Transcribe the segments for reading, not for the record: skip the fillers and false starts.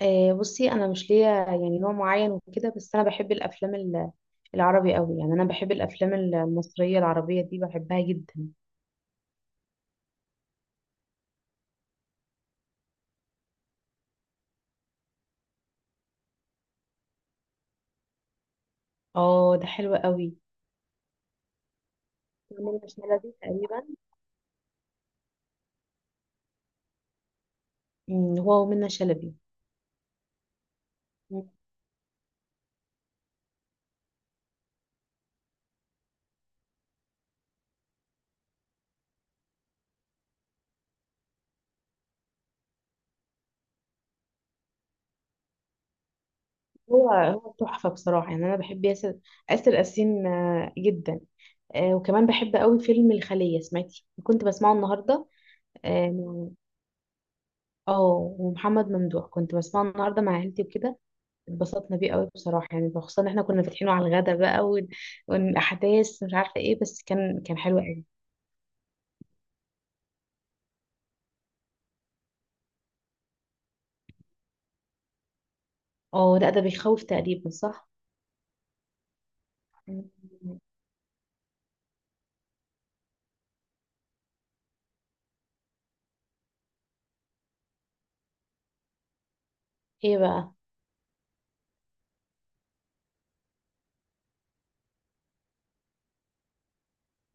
بصي انا مش ليا يعني نوع معين وكده، بس انا بحب الافلام العربي قوي، يعني انا بحب الافلام المصريه العربيه دي بحبها جدا. اه، ده حلو قوي. منة شلبي تقريبا. هو ومنة شلبي. مم، هو تحفه بصراحه، يعني انا بحب آسر ياسين. جدا. وكمان بحب قوي فيلم الخليه، سمعتي؟ كنت بسمعه النهارده. اه. آه، ومحمد ممدوح كنت بسمعه النهارده مع عيلتي وكده. اتبسطنا بيه قوي بصراحة، يعني خصوصا ان احنا كنا فاتحينه على الغدا بقى، والاحداث مش عارفة ايه، بس كان حلو قوي. اه، لا ده بيخوف تقريبا، صح؟ مم. ايه بقى؟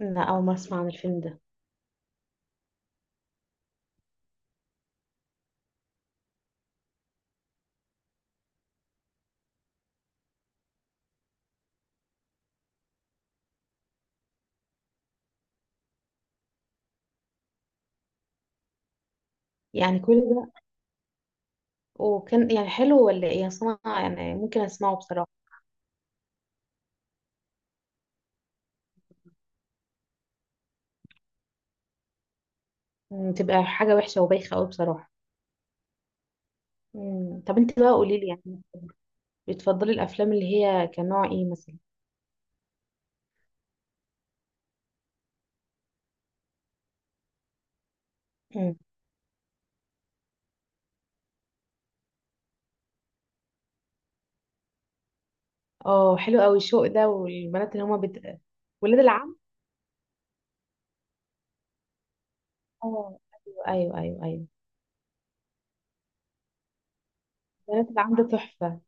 لا، اول مرة اسمع عن الفيلم ده. يعني كل ده؟ وكان يعني حلو ولا ايه؟ اصل انا يعني ممكن اسمعه بصراحة. تبقى حاجة وحشة وبايخة قوي بصراحة. مم. طب انت بقى قولي لي يعني بتفضلي الافلام اللي هي كان نوع ايه مثلا؟ مم. اه، حلو قوي الشوق ده والبنات اللي هما ولاد العم. اه، ايوه، ايوه، ايوه، ايوه. البنات اللي عنده تحفة.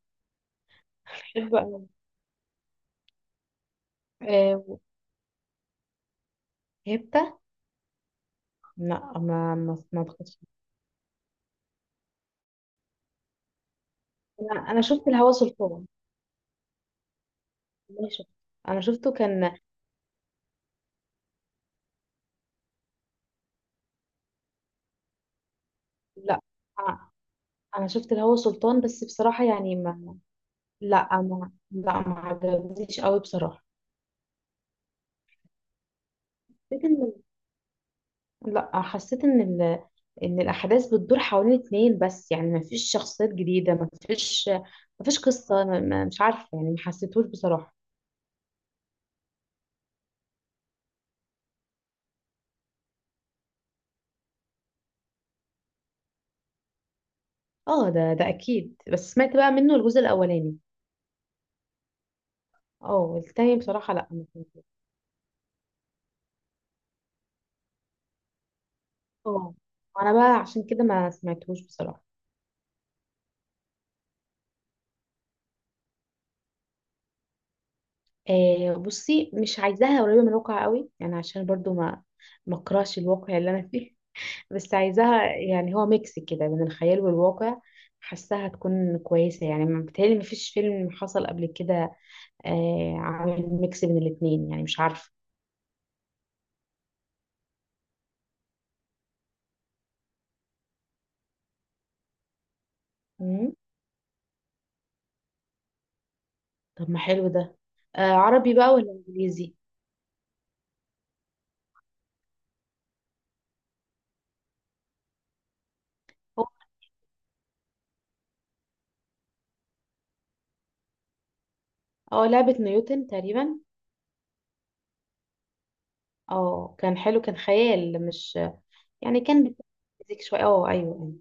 بحبه أوي. آه، هبتة. لا، ما أعتقدش. أنا شفت الهوى سلطان. والله شفت. أنا شفته كان. لا. آه، أنا شفت الهوى سلطان، بس بصراحة يعني ما. لا، ما عجبنيش قوي بصراحة. حسيت إن، لا، حسيت إن إن الأحداث بتدور حوالين اتنين بس، يعني ما فيش شخصيات جديدة، ما فيش قصة، ما... ما مش عارفة يعني ما حسيتهوش بصراحة. اه، ده أكيد، بس سمعت بقى منه الجزء الأولاني. اه، التاني بصراحة لا، ما فهمتوش. اه، انا بقى عشان كده ما سمعتهوش بصراحة. بصي، مش عايزاها قريبة من الواقع قوي، يعني عشان برضو ما اكرهش الواقع اللي انا فيه. بس عايزاها يعني هو ميكس كده بين الخيال والواقع، حاساها تكون كويسة. يعني بتهيألي ما فيش فيلم حصل قبل كده عامل ميكس بين الاتنين، يعني مش عارفة. مم. طب ما حلو ده. عربي بقى ولا انجليزي؟ اه، لعبة نيوتن تقريبا. اه، كان حلو كان خيال مش يعني، كان بيتمزج شويه. اه، ايوه، ايوه.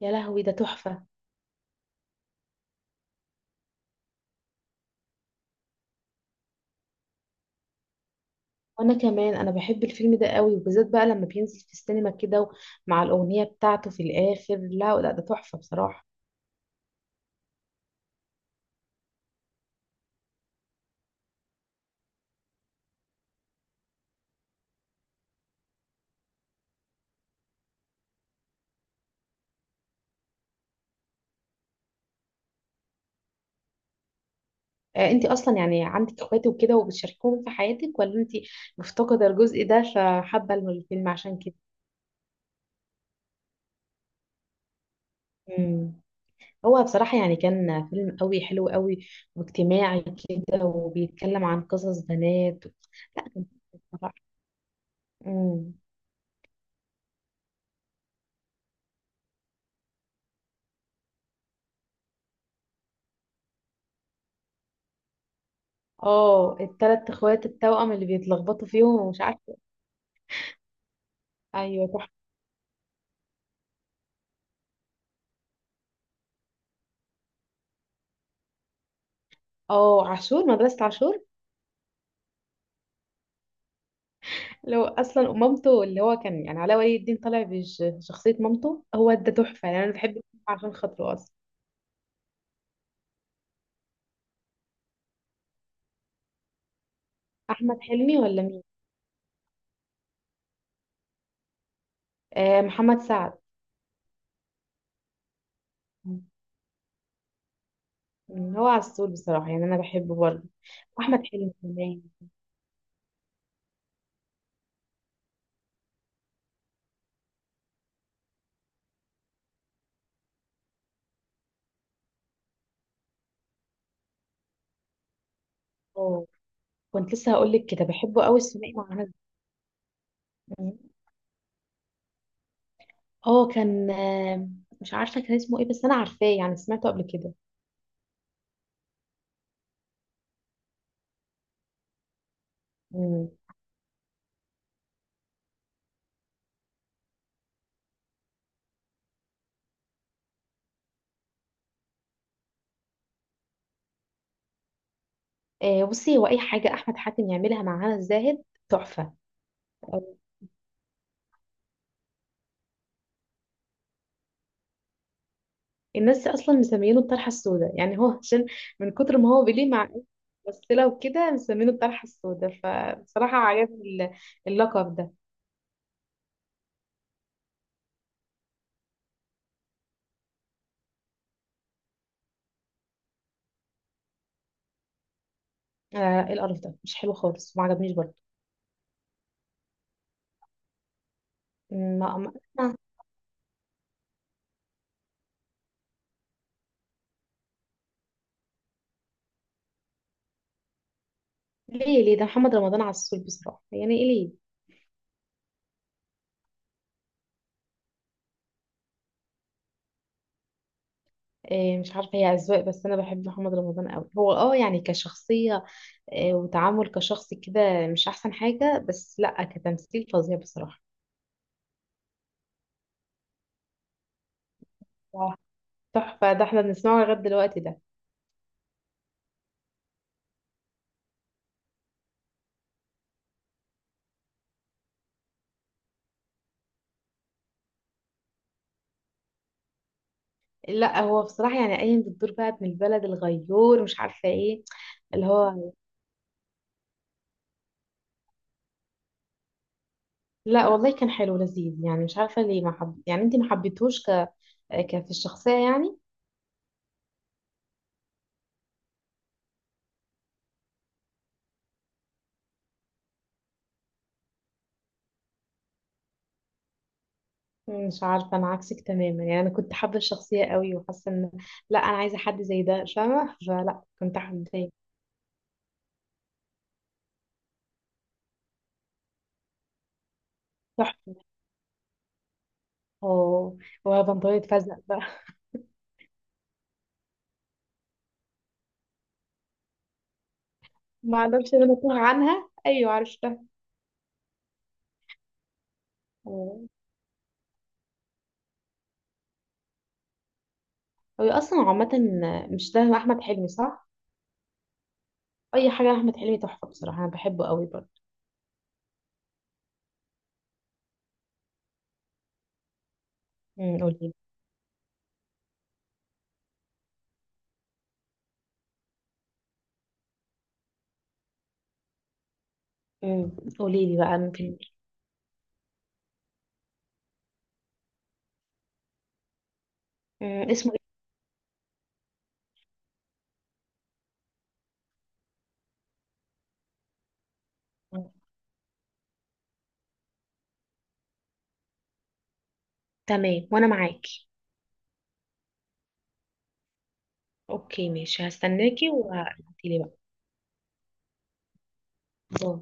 يا لهوي ده تحفه. وانا كمان انا بحب الفيلم ده قوي، وبالذات بقى لما بينزل في السينما كده مع الاغنيه بتاعته في الاخر، لا لا، ده تحفه بصراحه. انت اصلا يعني عندك اخواتي وكده وبتشاركوهم في حياتك، ولا انت مفتقده الجزء ده فحابه الفيلم عشان كده؟ مم. هو بصراحة يعني كان فيلم قوي، حلو قوي واجتماعي كده، وبيتكلم عن قصص بنات. لا، كان حلو بصراحة. مم. اه، التلات اخوات التوأم اللي بيتلخبطوا فيهم ومش عارفه إيه. ايوه، تحفه. اه، عاشور، مدرسه عاشور. لو اصلا مامته اللي هو كان يعني علاء ولي الدين طالع بشخصيه مامته، هو ده تحفه يعني، انا بحب الفيلم عشان خاطره اصلا. احمد حلمي ولا مين؟ آه، محمد سعد. هو عسول بصراحه يعني، انا بحبه برضه. احمد حلمي كمان. اه، كنت لسه هقول لك كده، بحبه قوي الثنائي مع هنا. مم. اه، كان مش عارفه كان اسمه ايه، بس انا عارفاه يعني، سمعته قبل كده. مم. بصي، هو اي حاجه احمد حاتم يعملها مع هنا الزاهد تحفه. الناس اصلا مسمينه الطرحه السوداء، يعني هو عشان من كتر ما هو بيليه مع ممثله وكده مسمينه الطرحه السوداء، فبصراحه عجبني ال- اللقب ده. آه، إيه القرف ده؟ مش حلو خالص، ما عجبنيش برضه. ما ما ما- ليه ليه ده؟ محمد رمضان عسول بصراحه، يعني ايه ليه؟ مش عارفه، هي اذواق، بس انا بحب محمد رمضان قوي، هو اه يعني كشخصيه وتعامل كشخص كده مش احسن حاجه، بس لا كتمثيل فظيع بصراحه. تحفة، ده احنا بنسمعه لغاية دلوقتي ده. لا، هو بصراحة يعني قايم بالدور بقى، ابن البلد الغيور مش عارفة ايه. اللي هو، لا والله كان حلو لذيذ، يعني مش عارفة ليه ما حب... يعني انت ما حبيتهوش ك في الشخصية يعني؟ مش عارفة، انا عكسك تماما، يعني انا كنت حابة الشخصية قوي، وحاسة ان، لا انا عايزة حد زي ده فاهمة، فلا كنت حابة. تحفة. اه، وبنطلونة فزق بقى. ما اعرفش إن انا تاه عنها، ايوه عرفتها. آه. هو اصلا عامة، مش ده احمد حلمي صح؟ اي حاجه لاحمد حلمي تحفه بصراحه، انا بحبه قوي برضه. قولي لي. امم قولي لي بقى من فيلم. اسمه ايه؟ تمام، وانا معاكي. اوكي، ماشي، هستناكي وهتقولي لي بقى. باي.